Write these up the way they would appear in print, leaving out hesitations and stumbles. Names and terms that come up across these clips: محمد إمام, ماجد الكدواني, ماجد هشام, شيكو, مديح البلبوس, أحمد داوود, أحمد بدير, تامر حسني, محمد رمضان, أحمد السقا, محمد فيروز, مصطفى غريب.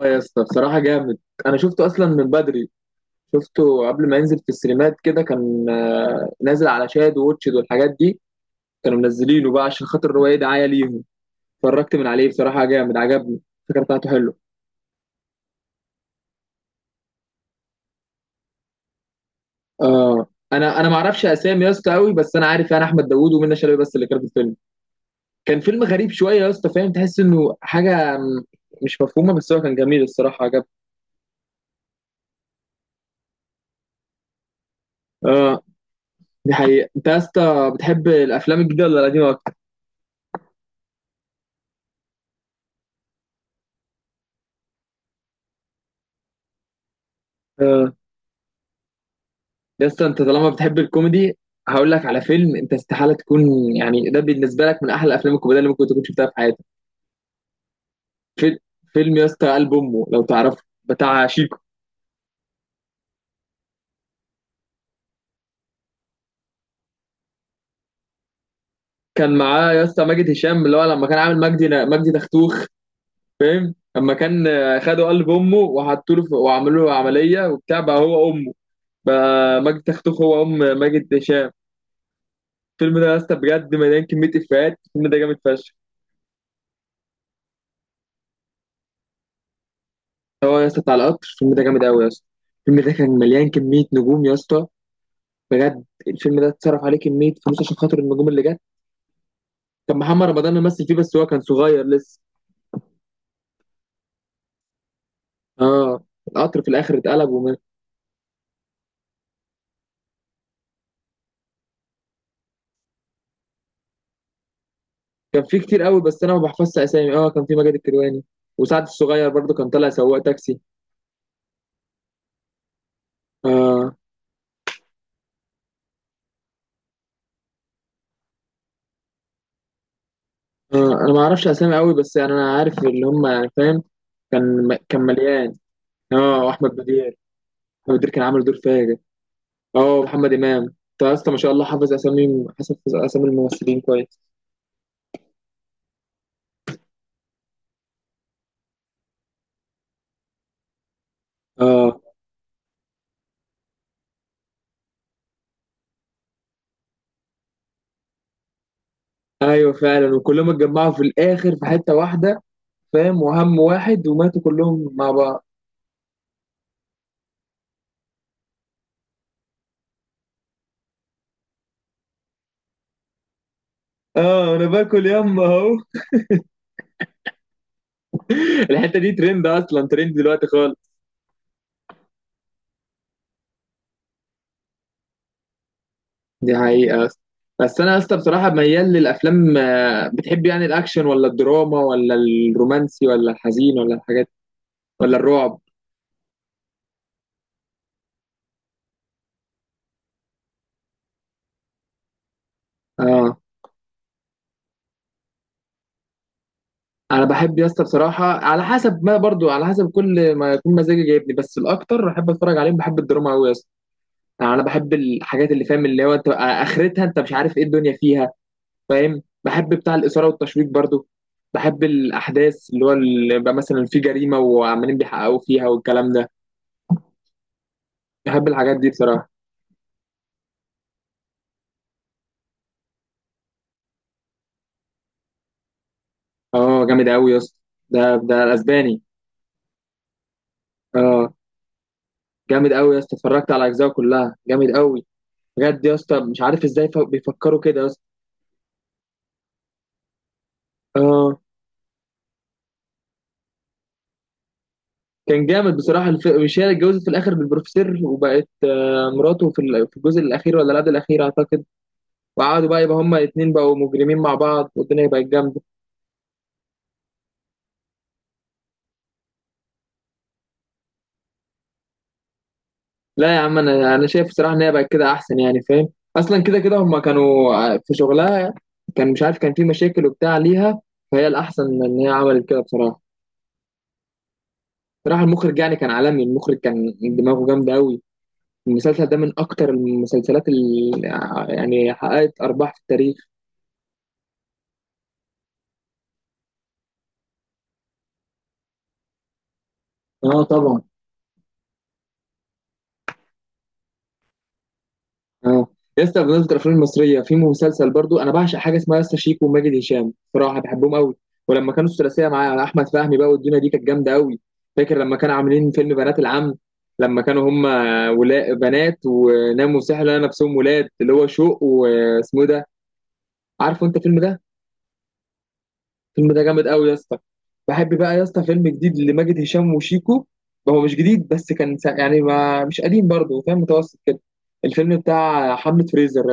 اه يا اسطى بصراحة جامد. أنا شفته أصلا من بدري، شفته قبل ما ينزل في السينمات كده، كان نازل على شاهد ووتشد والحاجات دي. كانوا منزلينه بقى عشان خاطر الرواية دعاية ليهم. اتفرجت من عليه بصراحة جامد، عجبني الفكرة بتاعته حلوة. آه. أنا ما أعرفش أسامي يا اسطى أوي، بس أنا عارف يعني أحمد داوود ومنى شلبي بس اللي كانوا في الفيلم. كان فيلم غريب شوية يا اسطى، فاهم، تحس إنه حاجة مش مفهومة، بس هو كان جميل الصراحة عجبني. اه، دي حقيقة. أنت يا اسطى بتحب الأفلام الجديدة ولا القديمة أكتر؟ آه. يا اسطى انت طالما بتحب الكوميدي، هقول لك على فيلم انت استحاله تكون، يعني ده بالنسبه لك من احلى الافلام الكوميديه اللي ممكن تكون شفتها في حياتك. فيلم فيلم يا اسطى قلب امه، لو تعرفه بتاع شيكو. كان معاه يا اسطى ماجد هشام، اللي هو لما كان عامل مجدي دختوخ، فاهم، لما كان، خدوا قلب امه وحطوا له وعملوا له عمليه وبتاع، بقى هو امه. بقى مجدي دختوخ هو ام ماجد هشام. الفيلم ده يا اسطى بجد مليان كميه افيهات، الفيلم ده جامد فشخ. هو يا اسطى بتاع القطر، الفيلم ده جامد قوي يا اسطى. الفيلم ده كان مليان كميه نجوم يا اسطى، بجد الفيلم ده اتصرف عليه كميه فلوس عشان خاطر النجوم اللي جت. كان محمد رمضان ممثل فيه، بس هو كان صغير لسه. اه، القطر في الاخر اتقلب وما. كان فيه كتير قوي بس انا ما بحفظش اسامي. اه، كان فيه ماجد الكدواني وسعد الصغير، برضو كان طالع سواق تاكسي. اه. اه، انا ما اعرفش اسامي قوي، بس يعني انا عارف اللي هم، يعني فاهم. كان مليان. اه، واحمد بدير. احمد بدير كان عامل دور فاجر. اه، محمد امام. انت يا اسطى ما شاء الله حافظ اسامي، حافظ اسامي الممثلين كويس. اه، ايوه فعلا، وكلهم اتجمعوا في الاخر في حته واحده، فاهم، وهم واحد وماتوا كلهم مع بعض. اه، انا باكل يما اهو. الحته دي ترند، اصلا ترند دلوقتي خالص. دي حقيقه اصلا. بس انا اصلا بصراحه ميال للافلام. بتحب يعني الاكشن ولا الدراما ولا الرومانسي ولا الحزين ولا الحاجات ولا الرعب؟ اه، انا بحب يا اسطى بصراحه على حسب، ما برضو على حسب كل ما يكون مزاجي جايبني، بس الاكتر بحب اتفرج عليهم بحب الدراما قوي. يعني انا بحب الحاجات اللي فاهم، اللي هو انت اخرتها انت مش عارف ايه الدنيا فيها، فاهم. بحب بتاع الاثاره والتشويق برضو، بحب الاحداث اللي هو اللي بقى مثلا في جريمه وعمالين بيحققوا فيها والكلام ده. بحب الحاجات دي بصراحه. اه جامد قوي يا اسطى. ده الاسباني. اه جامد قوي يا اسطى، اتفرجت على اجزائه كلها، جامد قوي. بجد يا اسطى مش عارف ازاي بيفكروا كده يا اسطى. اه، كان جامد بصراحه. مش هي اللي اتجوزت في الاخر بالبروفيسور وبقت مراته في الجزء الاخير؟ ولا لا ده الاخير اعتقد. وقعدوا بقى يبقى هما الاتنين بقوا مجرمين مع بعض، والدنيا بقت جامدة. لا يا عم، انا شايف الصراحة ان هي بقت كده احسن، يعني فاهم. اصلا كده كده هما كانوا في شغلها كان مش عارف، كان في مشاكل وبتاع ليها، فهي الاحسن ان هي عملت كده بصراحة. بصراحة المخرج يعني كان عالمي، المخرج كان دماغه جامدة قوي. المسلسل ده من اكتر المسلسلات اللي يعني حققت ارباح في التاريخ. اه طبعا. اه يا اسطى، بمناسبة الافلام المصرية، في مسلسل برضو انا بعشق حاجة اسمها يا اسطى شيكو وماجد هشام، صراحة بحبهم قوي. ولما كانوا الثلاثية مع احمد فهمي بقى، والدنيا دي كانت جامدة قوي. فاكر لما كانوا عاملين فيلم بنات العم، لما كانوا هم ولا بنات وناموا سحر لقوا نفسهم ولاد، اللي هو شوق واسمه إيه ده، عارفه انت الفيلم ده. الفيلم ده جامد قوي يا اسطى. بحب بقى يا اسطى فيلم جديد لماجد هشام وشيكو، هو مش جديد بس كان يعني ما مش قديم برضه، فاهم، متوسط كده. الفيلم بتاع حملة فريزر،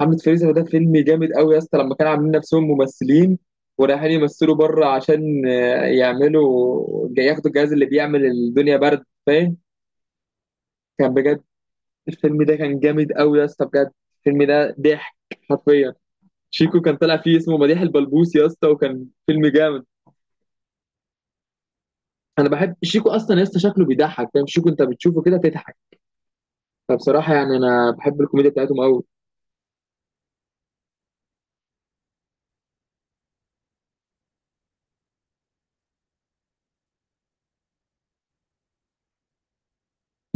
محمد فيروز، ده فيلم جامد قوي يا اسطى، لما كانوا عاملين نفسهم ممثلين ورايحين يمثلوا بره عشان يعملوا ياخدوا الجهاز اللي بيعمل الدنيا برد، فاهم. كان بجد، الفيلم ده كان جامد قوي يا اسطى، بجد الفيلم ده ضحك حرفيا. شيكو كان طالع فيه اسمه مديح البلبوس يا اسطى، وكان فيلم جامد. انا بحب شيكو اصلا يا اسطى، شكله بيضحك فاهم، شيكو انت بتشوفه كده تضحك. فبصراحه يعني انا بحب الكوميديا بتاعتهم قوي.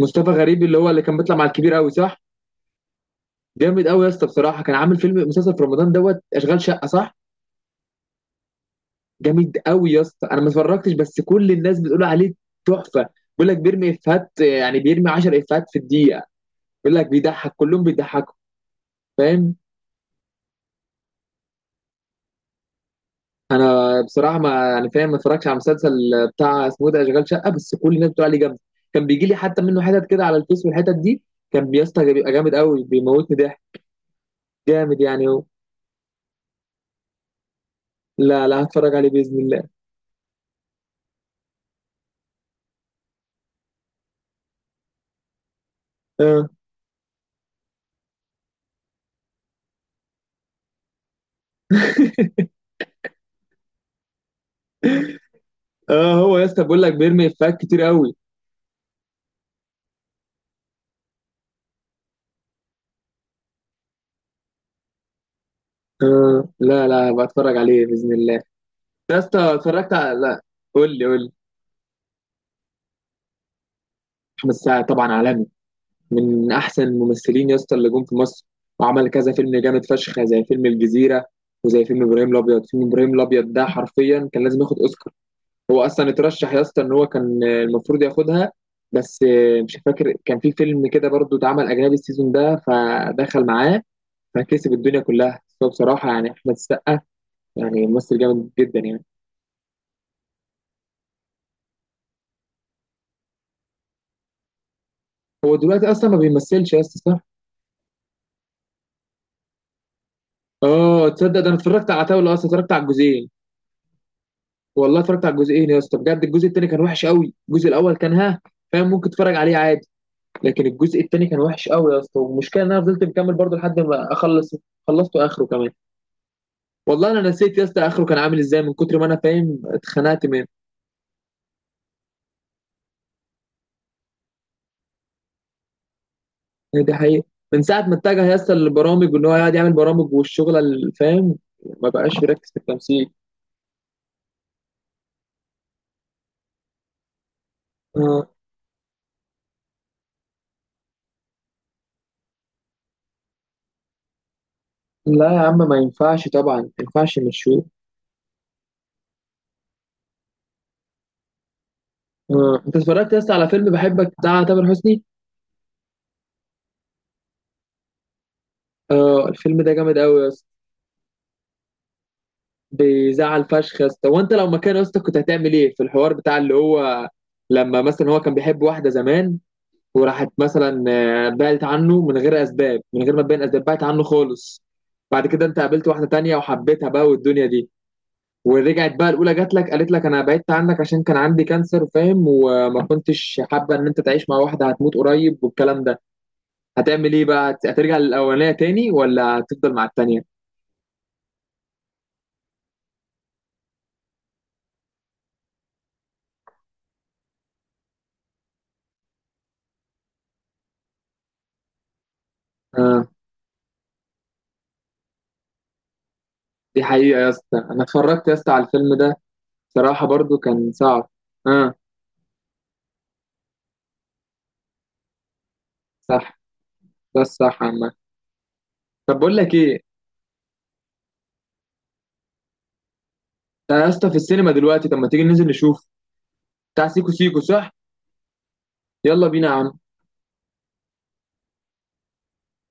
مصطفى غريب اللي هو اللي كان بيطلع مع الكبير قوي، صح؟ جامد قوي يا اسطى بصراحه، كان عامل فيلم مسلسل في رمضان دوت اشغال شقه، صح؟ جامد قوي يا اسطى، انا ما اتفرجتش بس كل الناس بتقول عليه تحفه، بيقول لك بيرمي افيهات، يعني بيرمي 10 افيهات في الدقيقه، بيقول لك بيضحك كلهم بيضحكوا، فاهم. انا بصراحه ما يعني فاهم، ما اتفرجتش على المسلسل بتاع اسمه إيه ده اشغال شقه، بس كل الناس بتقول عليه جامد. كان بيجي لي حتى منه حتت كده على الفيس والحتت دي، كان يا اسطى بيبقى جامد قوي، بيموتني ضحك، جامد يعني هو. لا لا، هتفرج عليه باذن الله. اه. اه، هو يا اسطى بيقول لك بيرمي افيهات كتير قوي. آه لا لا، بتفرج عليه باذن الله. يا اسطى اتفرجت على، لا قول لي قول لي. احمد السقا طبعا عالمي، من احسن الممثلين يا اسطى اللي جم في مصر، وعمل كذا فيلم جامد فشخ زي فيلم الجزيره، وزي فيلم ابراهيم الابيض. فيلم ابراهيم الابيض ده حرفيا كان لازم ياخد اوسكار، هو اصلا اترشح يا اسطى، ان هو كان المفروض ياخدها، بس مش فاكر كان في فيلم كده برضو اتعمل اجنبي السيزون ده فدخل معاه فكسب الدنيا كلها. بس هو بصراحه يعني احمد السقا يعني ممثل جامد جدا يعني. هو دلوقتي اصلا ما بيمثلش يا اسطى، صح؟ اه تصدق ده انا اتفرجت على عتاولة، اصلا اتفرجت على الجزئين. والله اتفرجت على الجزئين يا اسطى، بجد الجزء التاني كان وحش قوي، الجزء الاول كان ها، فاهم، ممكن تتفرج عليه عادي، لكن الجزء التاني كان وحش قوي يا اسطى. والمشكله ان انا فضلت مكمل برضه لحد ما اخلص، خلصته اخره كمان. والله انا نسيت يا اسطى اخره كان عامل ازاي، من كتر ما انا فاهم اتخنقت منه. هي دي حقيقه، من ساعه ما اتجه يا اسطى للبرامج وان هو يقعد يعمل برامج والشغله اللي فاهم، ما بقاش بيركز في التمثيل. آه. لا يا عم، ما ينفعش طبعا، ما ينفعش نشوف. انت اتفرجت يا اسطى على فيلم بحبك بتاع تامر حسني؟ اه الفيلم ده جامد قوي يا اسطى. بيزعل فشخ يا اسطى، وانت لو مكان يا اسطى كنت هتعمل ايه في الحوار بتاع اللي هو، لما مثلا هو كان بيحب واحده زمان وراحت مثلا، بعدت عنه من غير اسباب، من غير ما تبين اسباب بعدت عنه خالص. بعد كده انت قابلت واحده تانية وحبيتها بقى والدنيا دي، ورجعت بقى الاولى جات لك قالت لك انا بعدت عنك عشان كان عندي كانسر فاهم، وما كنتش حابه ان انت تعيش مع واحده هتموت قريب والكلام ده. هتعمل ايه بقى، هترجع للاولانيه تاني ولا هتفضل مع التانيه؟ اه، دي حقيقه يا اسطى، انا اتفرجت يا اسطى على الفيلم ده، بصراحه برضو كان صعب. اه، صح. ده الصح عامه. طب بقول لك ايه، ده يا اسطى في السينما دلوقتي، طب ما تيجي ننزل نشوف. بتاع سيكو سيكو، صح؟ يلا بينا يا عم.